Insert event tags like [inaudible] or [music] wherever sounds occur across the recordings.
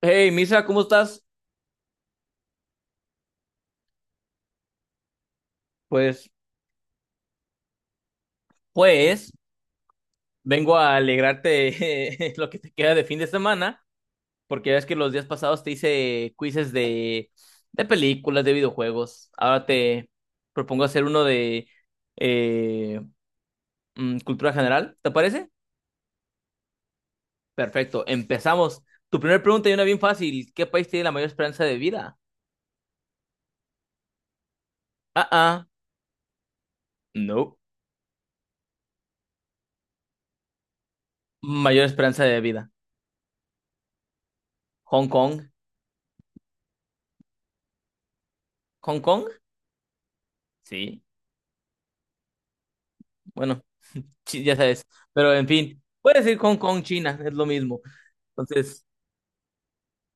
Hey, Misa, ¿cómo estás? Pues, pues, vengo a alegrarte [laughs] lo que te queda de fin de semana, porque ya ves que los días pasados te hice quizzes de películas, de videojuegos. Ahora te propongo hacer uno de eh, cultura general, ¿te parece? Perfecto, empezamos. Tu primera pregunta y una bien fácil. ¿Qué país tiene la mayor esperanza de vida? Ah, ah, no. Mayor esperanza de vida. ¿Hong Kong? ¿Hong Kong? Sí. Bueno, ya sabes. Pero en fin, puedes decir Hong Kong, China, es lo mismo. Entonces,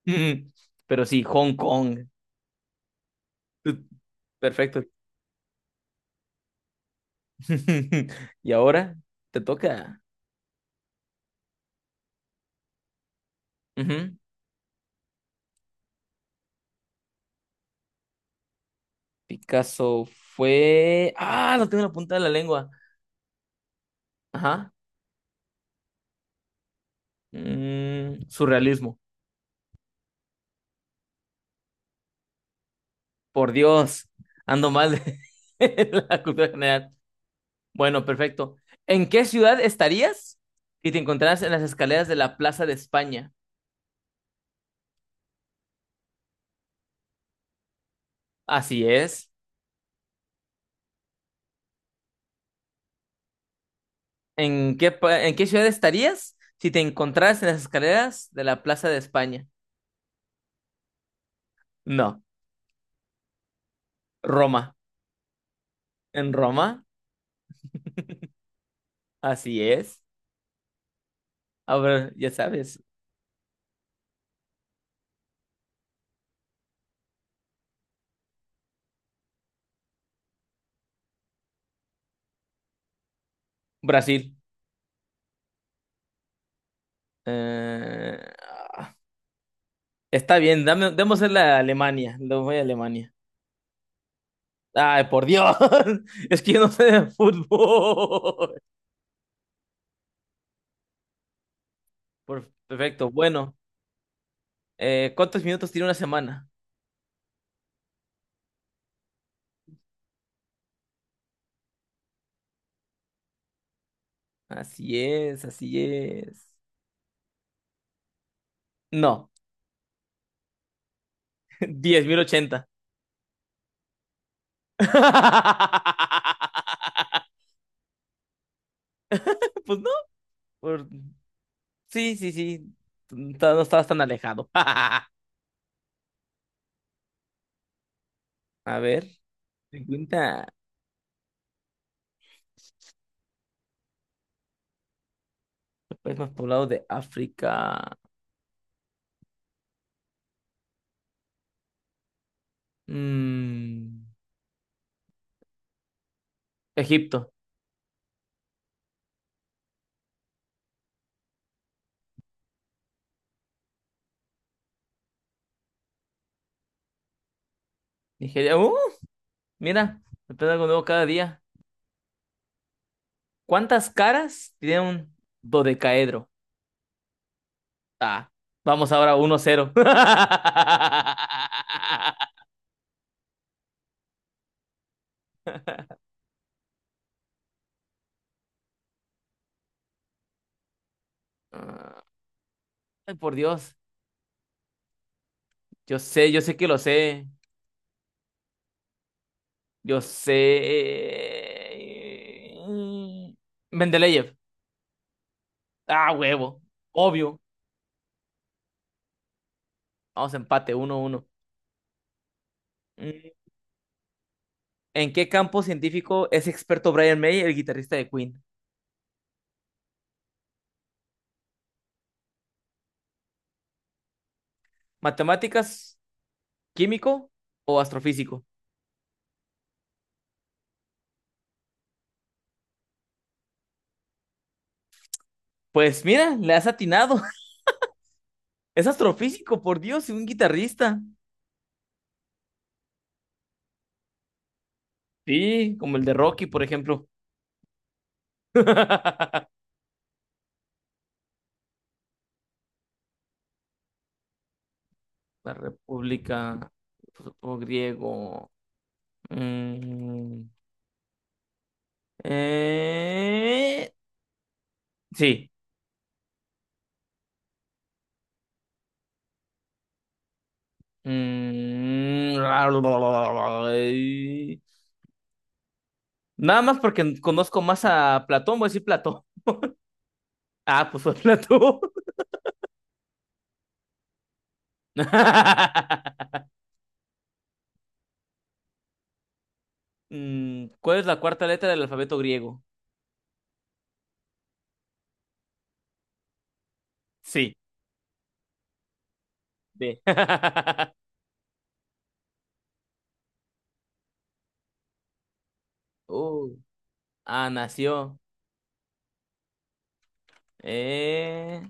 [laughs] pero sí, Hong Kong. Perfecto. [laughs] Y ahora te toca. Ujú. Picasso fue. Ah, lo tengo en la punta de la lengua. Ajá. Surrealismo. Por Dios. Ando mal de [laughs] la cultura general. Bueno, perfecto. ¿En qué ciudad estarías si te encontraras en las escaleras de la Plaza de España? Así es. ¿En qué, en qué ciudad estarías si te encontraras en las escaleras de la Plaza de España? No, Roma. ¿En Roma? Así es. A ver, ya sabes, Brasil. Eh, ah, está bien, dame, démosle a Alemania. Le voy a Alemania. Ay, por Dios, [laughs] es que yo no sé de fútbol. [laughs] Perfecto, bueno. ¿Cuántos minutos tiene una semana? Así es, así es. No, [laughs] diez mil ochenta. [laughs] Pues no, por- sí, no estabas tan alejado. [laughs] A ver, se encuentra el país más poblado de África. Mm, Egipto, Nigeria. ¡Uh! Mira, aprende algo nuevo cada día. ¿Cuántas caras tiene un dodecaedro? Ah, vamos ahora uno cero. [laughs] Ay, por Dios, yo sé que lo sé. Yo sé. Mendeleev. Ah, huevo. Obvio. Vamos a empate, uno uno. Mm, ¿En qué campo científico es experto Brian May, el guitarrista de Queen? ¿Matemáticas, químico o astrofísico? Pues mira, le has atinado. [laughs] Es astrofísico, por Dios, y un guitarrista. Sí, como el de Rocky, por ejemplo. [laughs] La República, supongo griego. Mm, eh, Sí. Mm, [laughs] nada más porque conozco más a Platón, voy a decir Platón. Ah, pues fue Platón. [laughs] ¿Cuál es la cuarta letra del alfabeto griego? Sí. D. [laughs] Uh, nació. eh,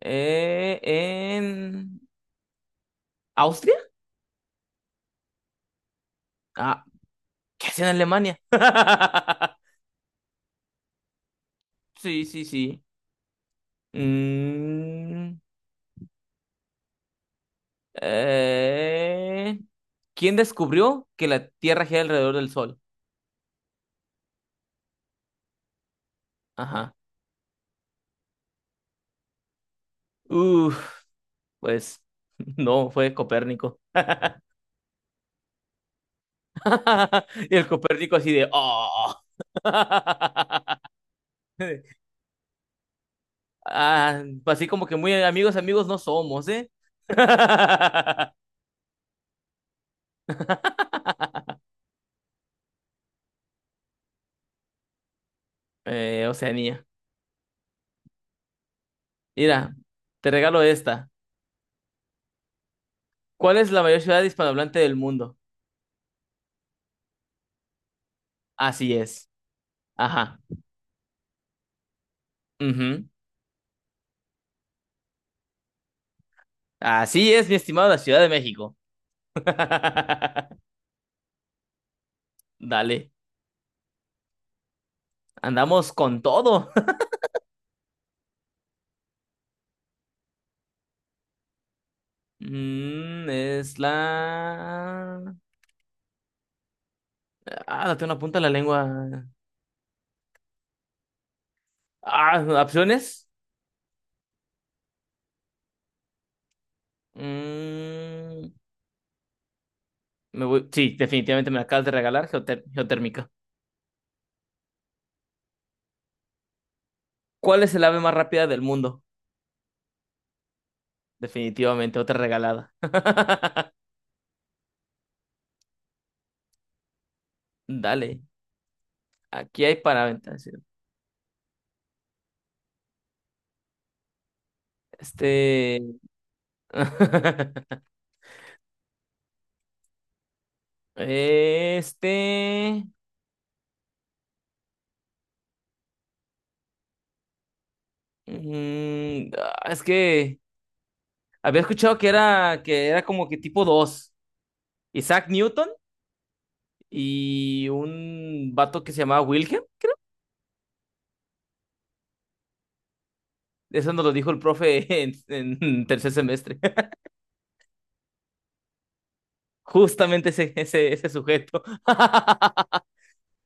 en Austria. Ah, ¿qué hace en Alemania? [laughs] Sí, sí, sí. Mm, Eh, ¿Quién descubrió que la Tierra gira alrededor del Sol? Ajá. Uf, pues [laughs] no, fue Copérnico. [laughs] Y el Copérnico así de, oh. [laughs] Ah, pues así como que muy amigos, amigos no somos, ¿eh? [laughs] Oceanía. Mira, te regalo esta. ¿Cuál es la mayor ciudad hispanohablante del mundo? Así es. Ajá. Ujú. Así es, mi estimado, la Ciudad de México. [laughs] Dale, andamos con todo. [laughs] Es la... Ah, la tengo en la punta de la lengua. Ah, ¿opciones? Mm, me voy... Sí, definitivamente me la acabas de regalar, geotérmica. ¿Cuál es el ave más rápida del mundo? Definitivamente, otra regalada. [laughs] Dale, aquí hay para aventar. Sí. Este... [laughs] Este... es que... Había escuchado que era como que tipo dos. Isaac Newton y un vato que se llamaba Wilhelm. Eso nos lo dijo el profe [laughs] en tercer semestre. [laughs] Justamente ese sujeto. [laughs]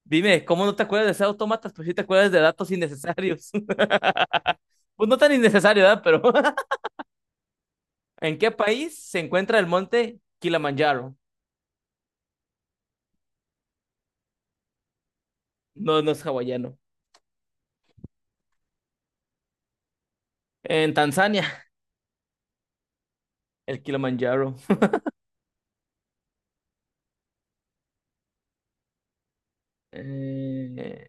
Dime, ¿cómo no te acuerdas de ser autómatas? Pues sí te acuerdas de datos innecesarios. [laughs] Pues no tan innecesario, ¿verdad? Pero [laughs] ¿en qué país se encuentra el monte Kilimanjaro? No, no es hawaiano. En Tanzania, el Kilimanjaro. [laughs] Eh,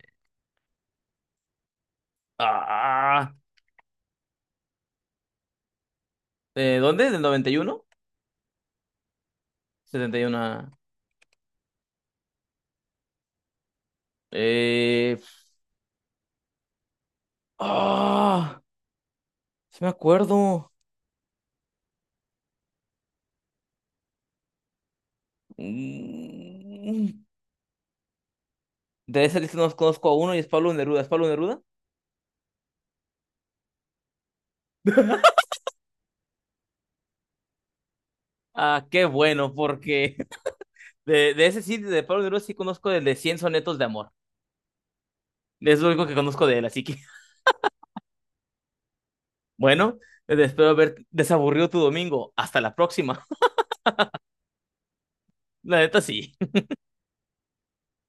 ah, ¿De ¿dónde? ¿Del 91? 71. Eh... ¡Ah! Sí me acuerdo. Mm. De esa lista no conozco a uno y es Pablo Neruda. ¿Es Pablo Neruda? [laughs] Ah, qué bueno, porque de ese sí, de Pablo Neruda sí conozco el de 100 sonetos de amor. Es lo único que conozco de él, así que [laughs] bueno, espero haber desaburrido tu domingo. Hasta la próxima. [laughs] La neta sí.